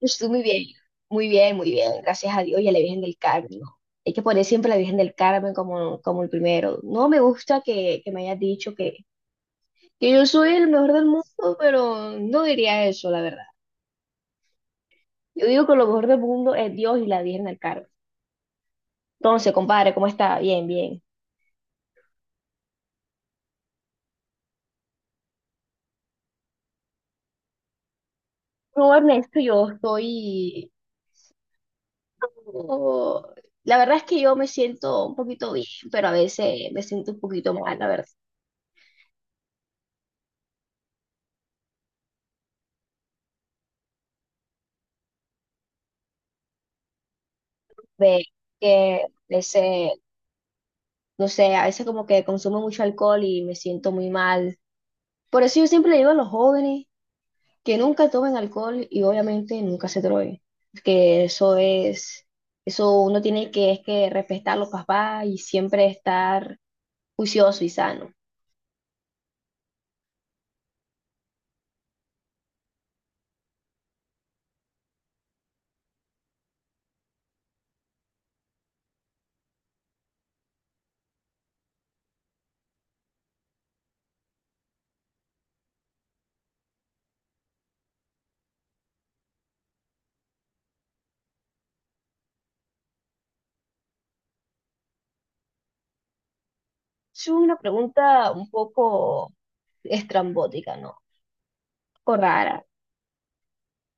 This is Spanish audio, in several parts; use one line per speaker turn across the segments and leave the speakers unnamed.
Yo estoy muy bien, muy bien, muy bien, gracias a Dios y a la Virgen del Carmen. Hay que poner siempre a la Virgen del Carmen como el primero. No me gusta que me hayas dicho que yo soy el mejor del mundo, pero no diría eso, la verdad. Yo digo que lo mejor del mundo es Dios y la Virgen del Carmen. Entonces, compadre, ¿cómo está? Bien, bien. No, Ernesto, yo estoy... oh, La verdad es que yo me siento un poquito bien, pero a veces me siento un poquito mal, la verdad. Ve que a veces no sé, a veces como que consumo mucho alcohol y me siento muy mal. Por eso yo siempre le digo a los jóvenes que nunca tomen alcohol y obviamente nunca se droguen, que eso es, eso uno tiene que, es que respetar a los papás y siempre estar juicioso y sano. Es una pregunta un poco estrambótica, ¿no? Un poco rara.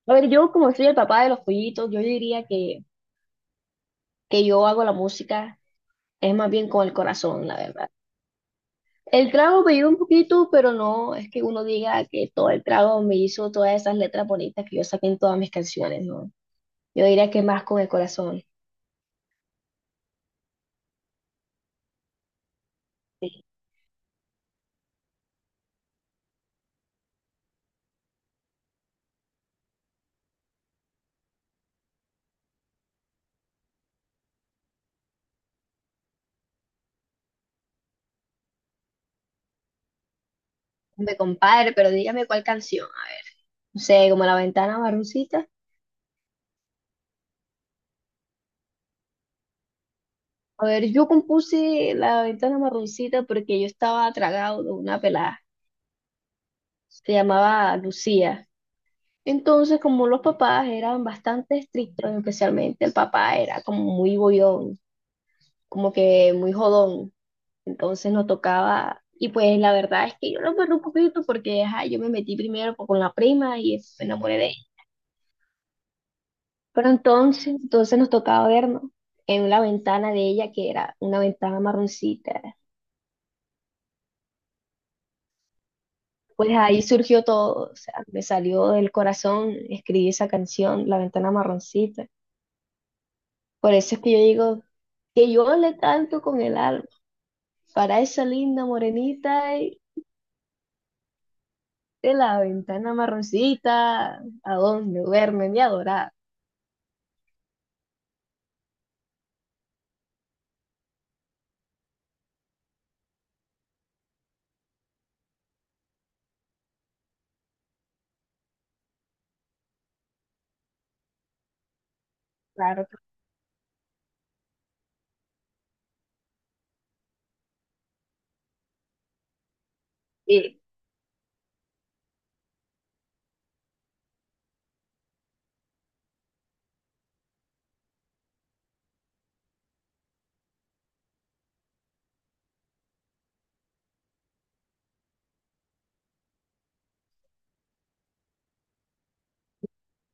A ver, yo como soy el papá de los pollitos, yo diría que yo hago la música, es más bien con el corazón, la verdad. El trago me ayuda un poquito, pero no es que uno diga que todo el trago me hizo todas esas letras bonitas que yo saqué en todas mis canciones, ¿no? Yo diría que más con el corazón. Sí, me compadre, pero dígame cuál canción, a ver. No sé, como La Ventana Marroncita. A ver, yo compuse La Ventana Marroncita porque yo estaba tragado de una pelada. Se llamaba Lucía. Entonces, como los papás eran bastante estrictos, especialmente el papá era como muy bollón, como que muy jodón. Entonces nos tocaba, y pues la verdad es que yo lo perdí un poquito porque ajá, yo me metí primero con la prima y eso, me enamoré de ella. Pero entonces nos tocaba vernos en la ventana de ella, que era una ventana marroncita. Pues ahí surgió todo, o sea, me salió del corazón, escribí esa canción, La ventana marroncita. Por eso es que yo digo que yo le canto con el alma para esa linda morenita y de la ventana marroncita, a donde duerme mi adorada. Claro, sí.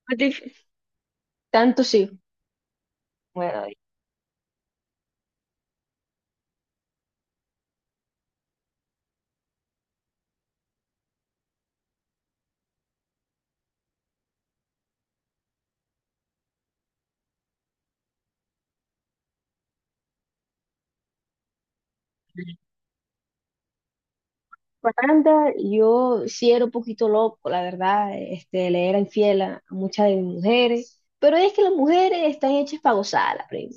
Más difícil. Tanto, sí. Bueno, Yolanda, yo sí era un poquito loco, la verdad, este, le era infiel a muchas de mis mujeres, pero es que las mujeres están hechas para gozarla, primo.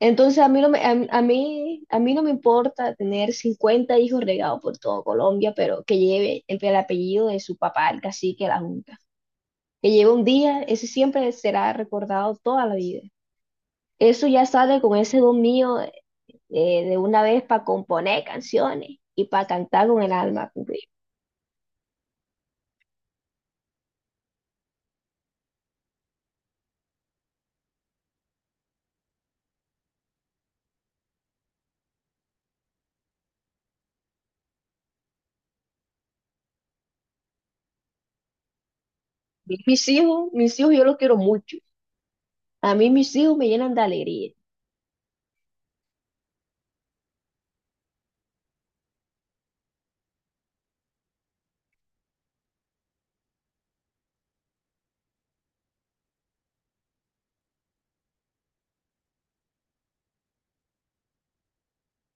Entonces a mí no me, a, mí, a mí a mí no me importa tener 50 hijos regados por todo Colombia, pero que lleve el apellido de su papá, el cacique de la junta. Que lleve un día, ese siempre será recordado toda la vida. Eso ya sale con ese don mío, de una vez para componer canciones y para cantar con el alma. Porque mis hijos, yo los quiero mucho. A mí mis hijos me llenan de alegría.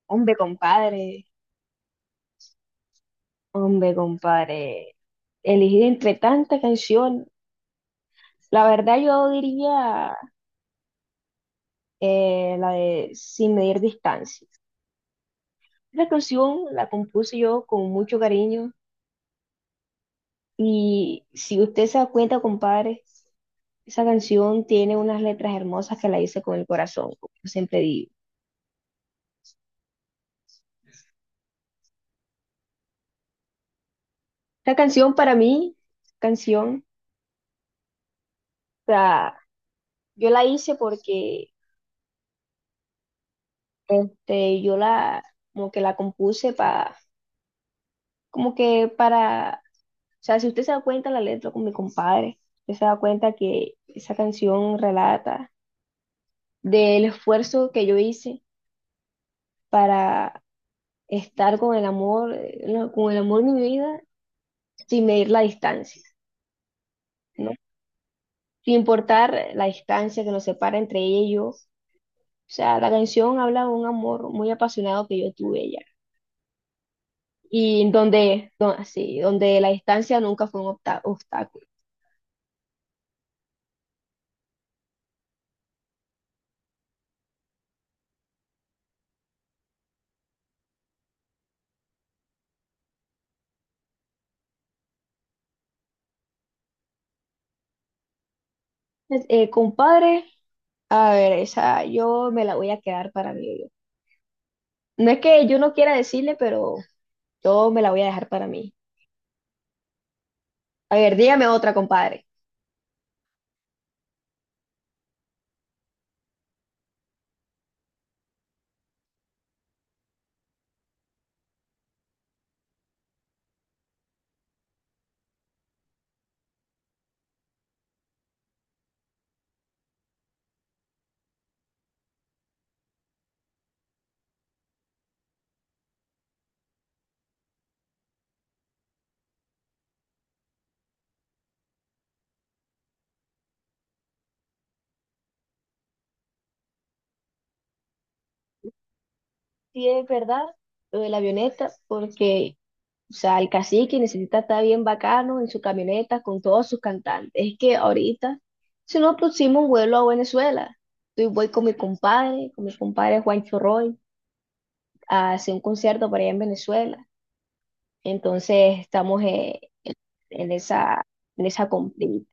Hombre, compadre, hombre, compadre. Elegir entre tantas canciones, la verdad yo diría, la de Sin medir distancias. La canción la compuse yo con mucho cariño y si usted se da cuenta, compadre, esa canción tiene unas letras hermosas que la hice con el corazón, como siempre digo. La canción para mí, canción, o sea, yo la hice porque este, yo la, como que la compuse para, como que para, o sea, si usted se da cuenta la letra con mi compadre, usted se da cuenta que esa canción relata del esfuerzo que yo hice para estar con el amor, no, con el amor de mi vida, sin medir la distancia, ¿no? Sin importar la distancia que nos separa entre ella y yo. O sea, la canción habla de un amor muy apasionado que yo tuve ella. Y sí, donde la distancia nunca fue un obstáculo. Compadre, a ver, esa yo me la voy a quedar para mí. Yo. No es que yo no quiera decirle, pero yo me la voy a dejar para mí. A ver, dígame otra, compadre. Sí, es verdad, lo de la avioneta, porque o sea, el cacique necesita estar bien bacano en su camioneta con todos sus cantantes. Es que ahorita, si no pusimos un vuelo a Venezuela, yo voy con mi compadre Juancho Roy, a hacer un concierto por allá en Venezuela. Entonces estamos en esa comprita.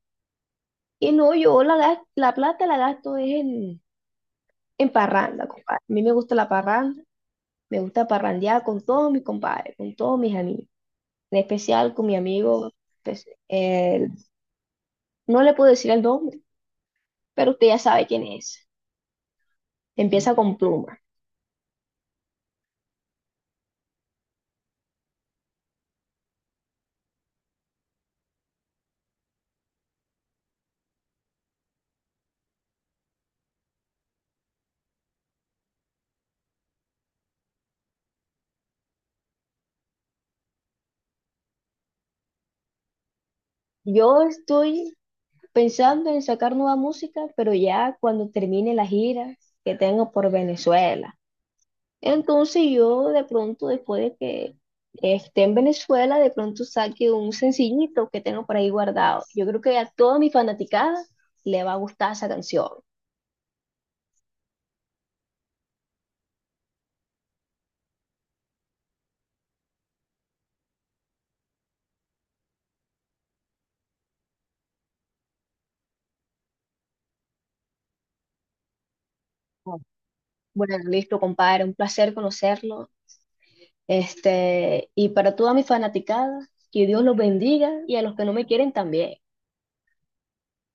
Y no, yo la, la plata la gasto es en parranda, compadre. A mí me gusta la parranda, me gusta parrandear con todos mis compadres, con todos mis amigos, en especial con mi amigo pues, el. No le puedo decir el nombre, pero usted ya sabe quién es. Empieza con Pluma. Yo estoy pensando en sacar nueva música, pero ya cuando termine la gira que tengo por Venezuela. Entonces yo de pronto, después de que esté en Venezuela, de pronto saque un sencillito que tengo por ahí guardado. Yo creo que a toda mi fanaticada le va a gustar esa canción. Bueno, listo, compadre, un placer conocerlo. Este, y para toda mi fanaticada, que Dios los bendiga y a los que no me quieren también.